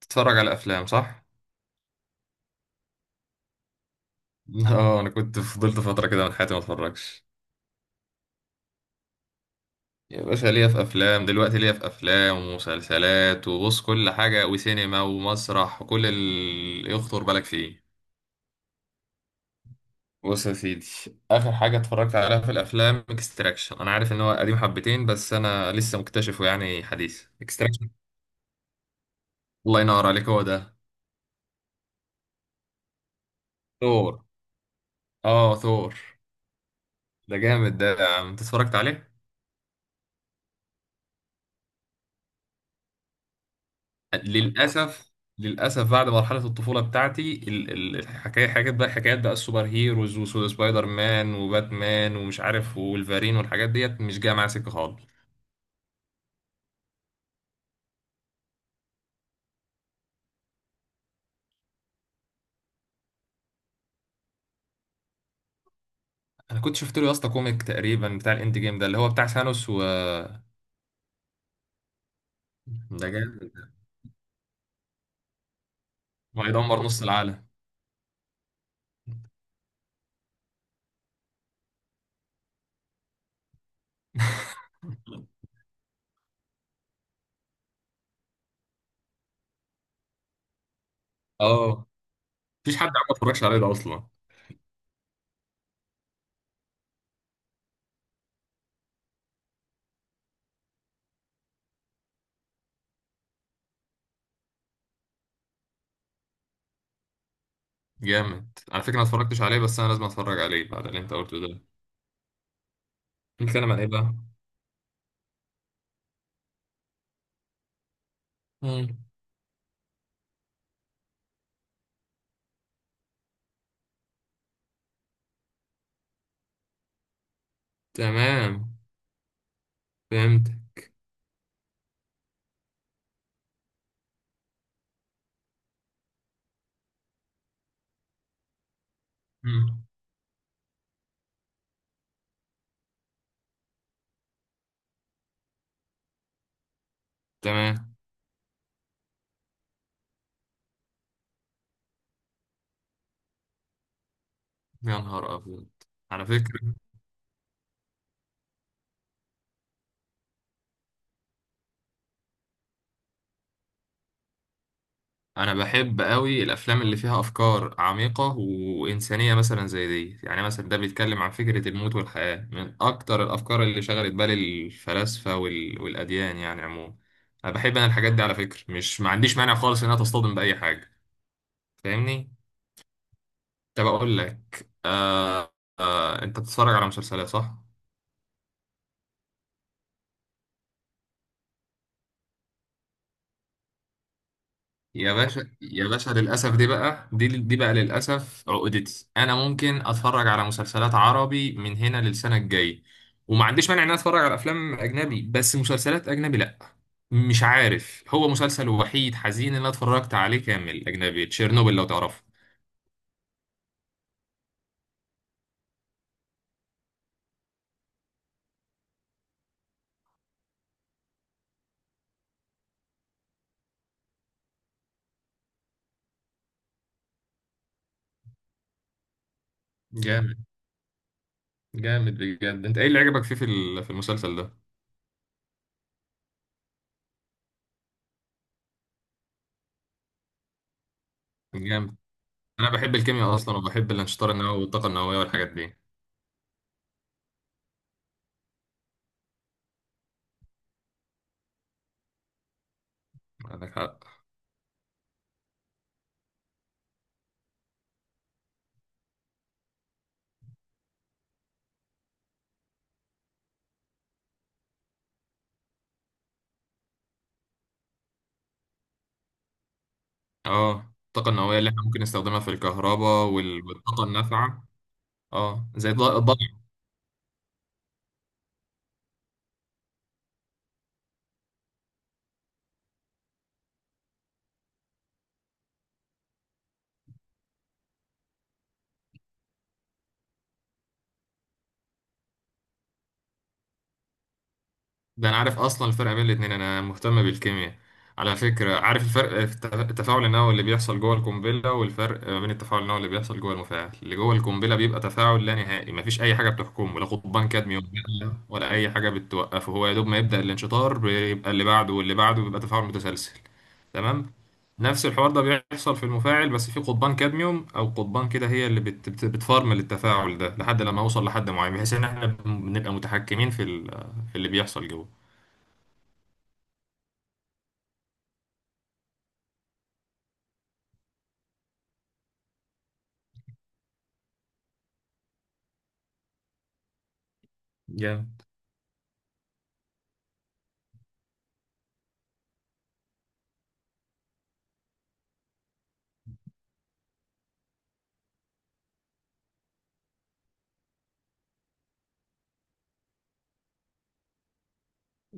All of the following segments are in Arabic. تتفرج على افلام صح؟ اه، انا كنت فضلت فتره كده من حياتي ما اتفرجش. يا باشا، ليا في افلام، دلوقتي ليا في افلام ومسلسلات، وبص كل حاجه، وسينما ومسرح وكل اللي يخطر بالك فيه. بص يا سيدي، اخر حاجه اتفرجت عليها في الافلام اكستراكشن. انا عارف ان هو قديم حبتين بس انا لسه مكتشفه يعني حديث، اكستراكشن. الله ينور عليك، هو ده. ثور؟ اه، ثور. ده جامد ده، يا عم انت اتفرجت عليه؟ للأسف. للأسف بعد مرحلة الطفولة بتاعتي الحكاية، حاجات بقى، حكايات بقى، السوبر هيروز وسبايدر مان وباتمان ومش عارف والفارين والحاجات ديت مش جاية معايا سكة خالص. أنا كنت شفت له يا اسطى كوميك تقريبا بتاع الإند جيم ده، اللي هو بتاع ثانوس ده جامد، وهيدمر نص العالم. اه. مفيش حد عم اتفرجش عليه ده أصلا. جامد. على فكرة أنا اتفرجتش عليه بس أنا لازم أتفرج عليه بعد اللي أنت قلته ده. بيتكلم عن إيه بقى؟ مم. تمام. فهمت. مم. تمام. يا نهار أبيض. على فكرة أنا بحب قوي الأفلام اللي فيها أفكار عميقة وإنسانية مثلا زي دي، يعني مثلا ده بيتكلم عن فكرة الموت والحياة من أكتر الأفكار اللي شغلت بال الفلاسفة والأديان يعني عموما. أنا بحب أنا الحاجات دي على فكرة، مش ما عنديش مانع خالص إنها تصطدم بأي حاجة. فاهمني؟ طب أقول لك أنت بتتفرج على مسلسلات صح؟ يا باشا يا باشا للأسف دي بقى دي بقى للأسف عقدتي، أنا ممكن أتفرج على مسلسلات عربي من هنا للسنة الجاية وما عنديش مانع إن أنا أتفرج على أفلام أجنبي بس مسلسلات أجنبي لأ. مش عارف، هو مسلسل وحيد حزين اللي أنا اتفرجت عليه كامل أجنبي تشيرنوبل، لو تعرفه. جامد. جامد بجد، أنت إيه اللي عجبك فيه في المسلسل ده؟ جامد. أنا بحب الكيمياء أصلا وبحب الأنشطار النووي والطاقة النووية والحاجات دي. عندك حق. اه، الطاقة النووية اللي احنا ممكن نستخدمها في الكهرباء والطاقة النافعة. اه، زي الضوء. ده انا عارف اصلا الفرق بين الاتنين، انا مهتم بالكيمياء. على فكرة عارف الفرق في التفاعل النووي اللي بيحصل جوه القنبلة، والفرق ما بين التفاعل النووي اللي بيحصل جوه المفاعل، اللي جوه القنبلة بيبقى تفاعل لا نهائي، مفيش اي حاجة بتحكمه، لا قضبان كادميوم ولا اي حاجة بتوقفه، هو يا دوب ما يبدأ الانشطار بيبقى اللي بعده واللي بعده، بيبقى تفاعل متسلسل. تمام. نفس الحوار ده بيحصل في المفاعل بس في قضبان كادميوم او قضبان كده هي اللي بت بت بتفرمل التفاعل ده لحد لما اوصل لحد معين، بحيث ان احنا بنبقى متحكمين في اللي بيحصل جوه. جامد.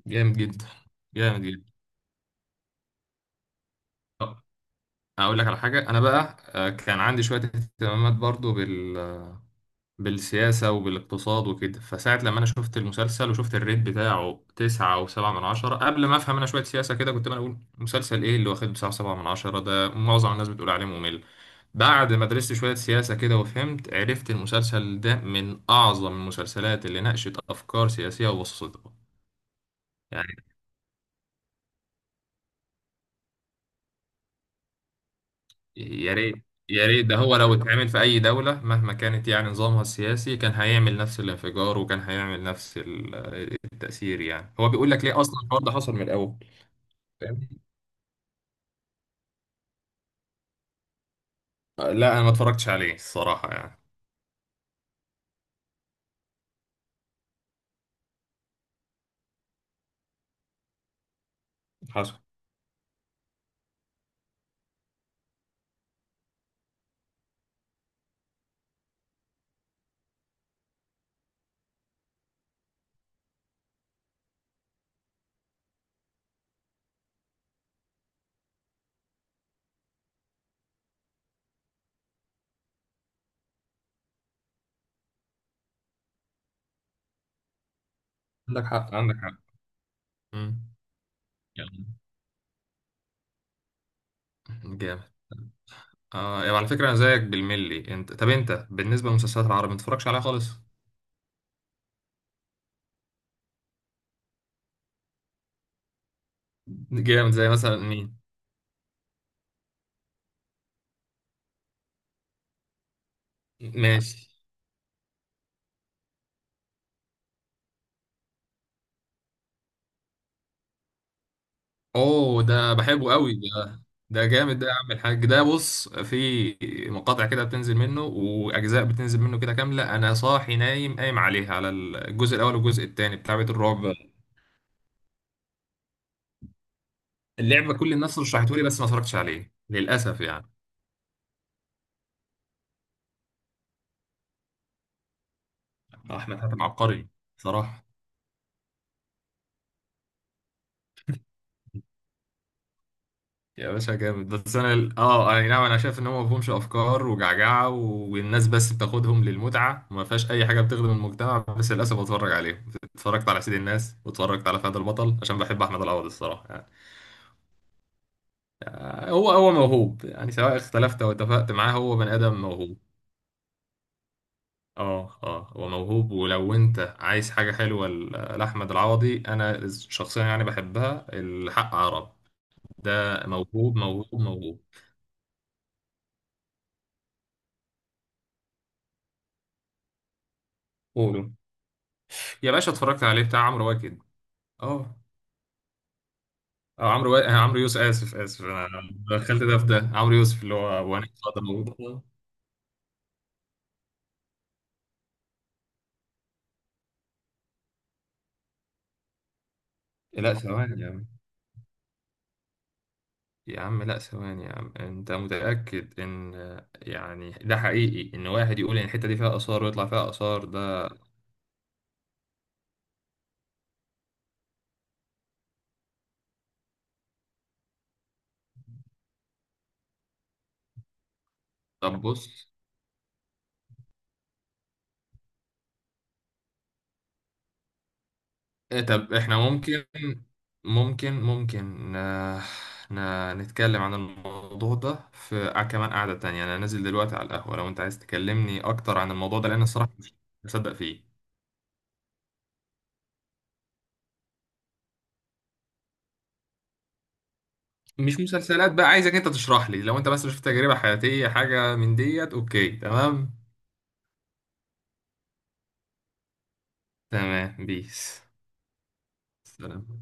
جامد جدا. جامد جدا. آه، هقول لك على حاجة، أنا بقى كان عندي شوية اهتمامات برضو بالسياسة وبالاقتصاد وكده، فساعة لما أنا شفت المسلسل وشفت الريت بتاعه تسعة أو سبعة من عشرة قبل ما أفهم أنا شوية سياسة كده، كنت أنا أقول مسلسل إيه اللي واخد تسعة وسبعة من عشرة ده معظم الناس بتقول عليه ممل. بعد ما درست شوية سياسة كده وفهمت، عرفت المسلسل ده من أعظم المسلسلات اللي ناقشت أفكار سياسية وبسطتها. يا ريت. يا ريت ده، هو لو اتعمل في أي دولة مهما كانت يعني نظامها السياسي كان هيعمل نفس الانفجار وكان هيعمل نفس التأثير، يعني هو بيقول لك ليه أصلا الحوار ده حصل من الأول. فاهم؟ لا، أنا ما اتفرجتش عليه الصراحة يعني. حصل. عندك حق، عندك حق. مم. يلا. جامد. آه يعني على فكرة أنا زيك بالملي. أنت طب أنت بالنسبة للمسلسلات العربية ما تتفرجش عليها خالص؟ جامد، زي مثلا مين؟ ماشي. اوه، ده بحبه قوي ده. ده جامد ده يا عم الحاج، ده بص في مقاطع كده بتنزل منه واجزاء بتنزل منه كده كامله، انا صاحي نايم قايم عليها، على الجزء الاول والجزء الثاني بتاع بيت الرعب. اللعبه كل الناس رشحته لي بس ما اتفرجتش عليه للاسف يعني. احمد حاتم عبقري صراحه. يا باشا جامد، بس انا اي نعم، انا شايف ان هو ما فيهمش افكار وجعجعه والناس بس بتاخدهم للمتعه وما فيهاش اي حاجه بتخدم المجتمع، بس للاسف بتفرج عليهم. اتفرجت على سيد الناس واتفرجت على فهد البطل عشان بحب احمد العوضي الصراحه يعني. هو موهوب يعني سواء اختلفت او اتفقت معاه، هو بني ادم موهوب. اه، اه، هو موهوب، ولو انت عايز حاجه حلوه لاحمد العوضي انا شخصيا يعني بحبها، الحق عرب. ده موهوب موهوب موهوب. قولوا. يا باشا اتفرجت عليه، بتاع عمرو واكد. اه. اه، عمرو يوسف، اسف اسف انا دخلت ده في ده، عمرو يوسف اللي هو وانا فاضي موجود. لا، ثواني يا عم. يا عم لا، ثواني يا عم، انت متأكد ان يعني ده حقيقي ان واحد يقول ان الحتة دي فيها آثار ويطلع فيها آثار ده؟ طب بص. إيه طب احنا ممكن، ممكن ممكن آه، نتكلم عن الموضوع ده في كمان قعدة تانية، انا نازل دلوقتي على القهوة لو انت عايز تكلمني اكتر عن الموضوع ده لان الصراحة مش مصدق فيه. مش مسلسلات بقى عايزك انت تشرح لي، لو انت بس شفت تجربة حياتية حاجة من ديت. اوكي، تمام. تمام، بيس. سلام.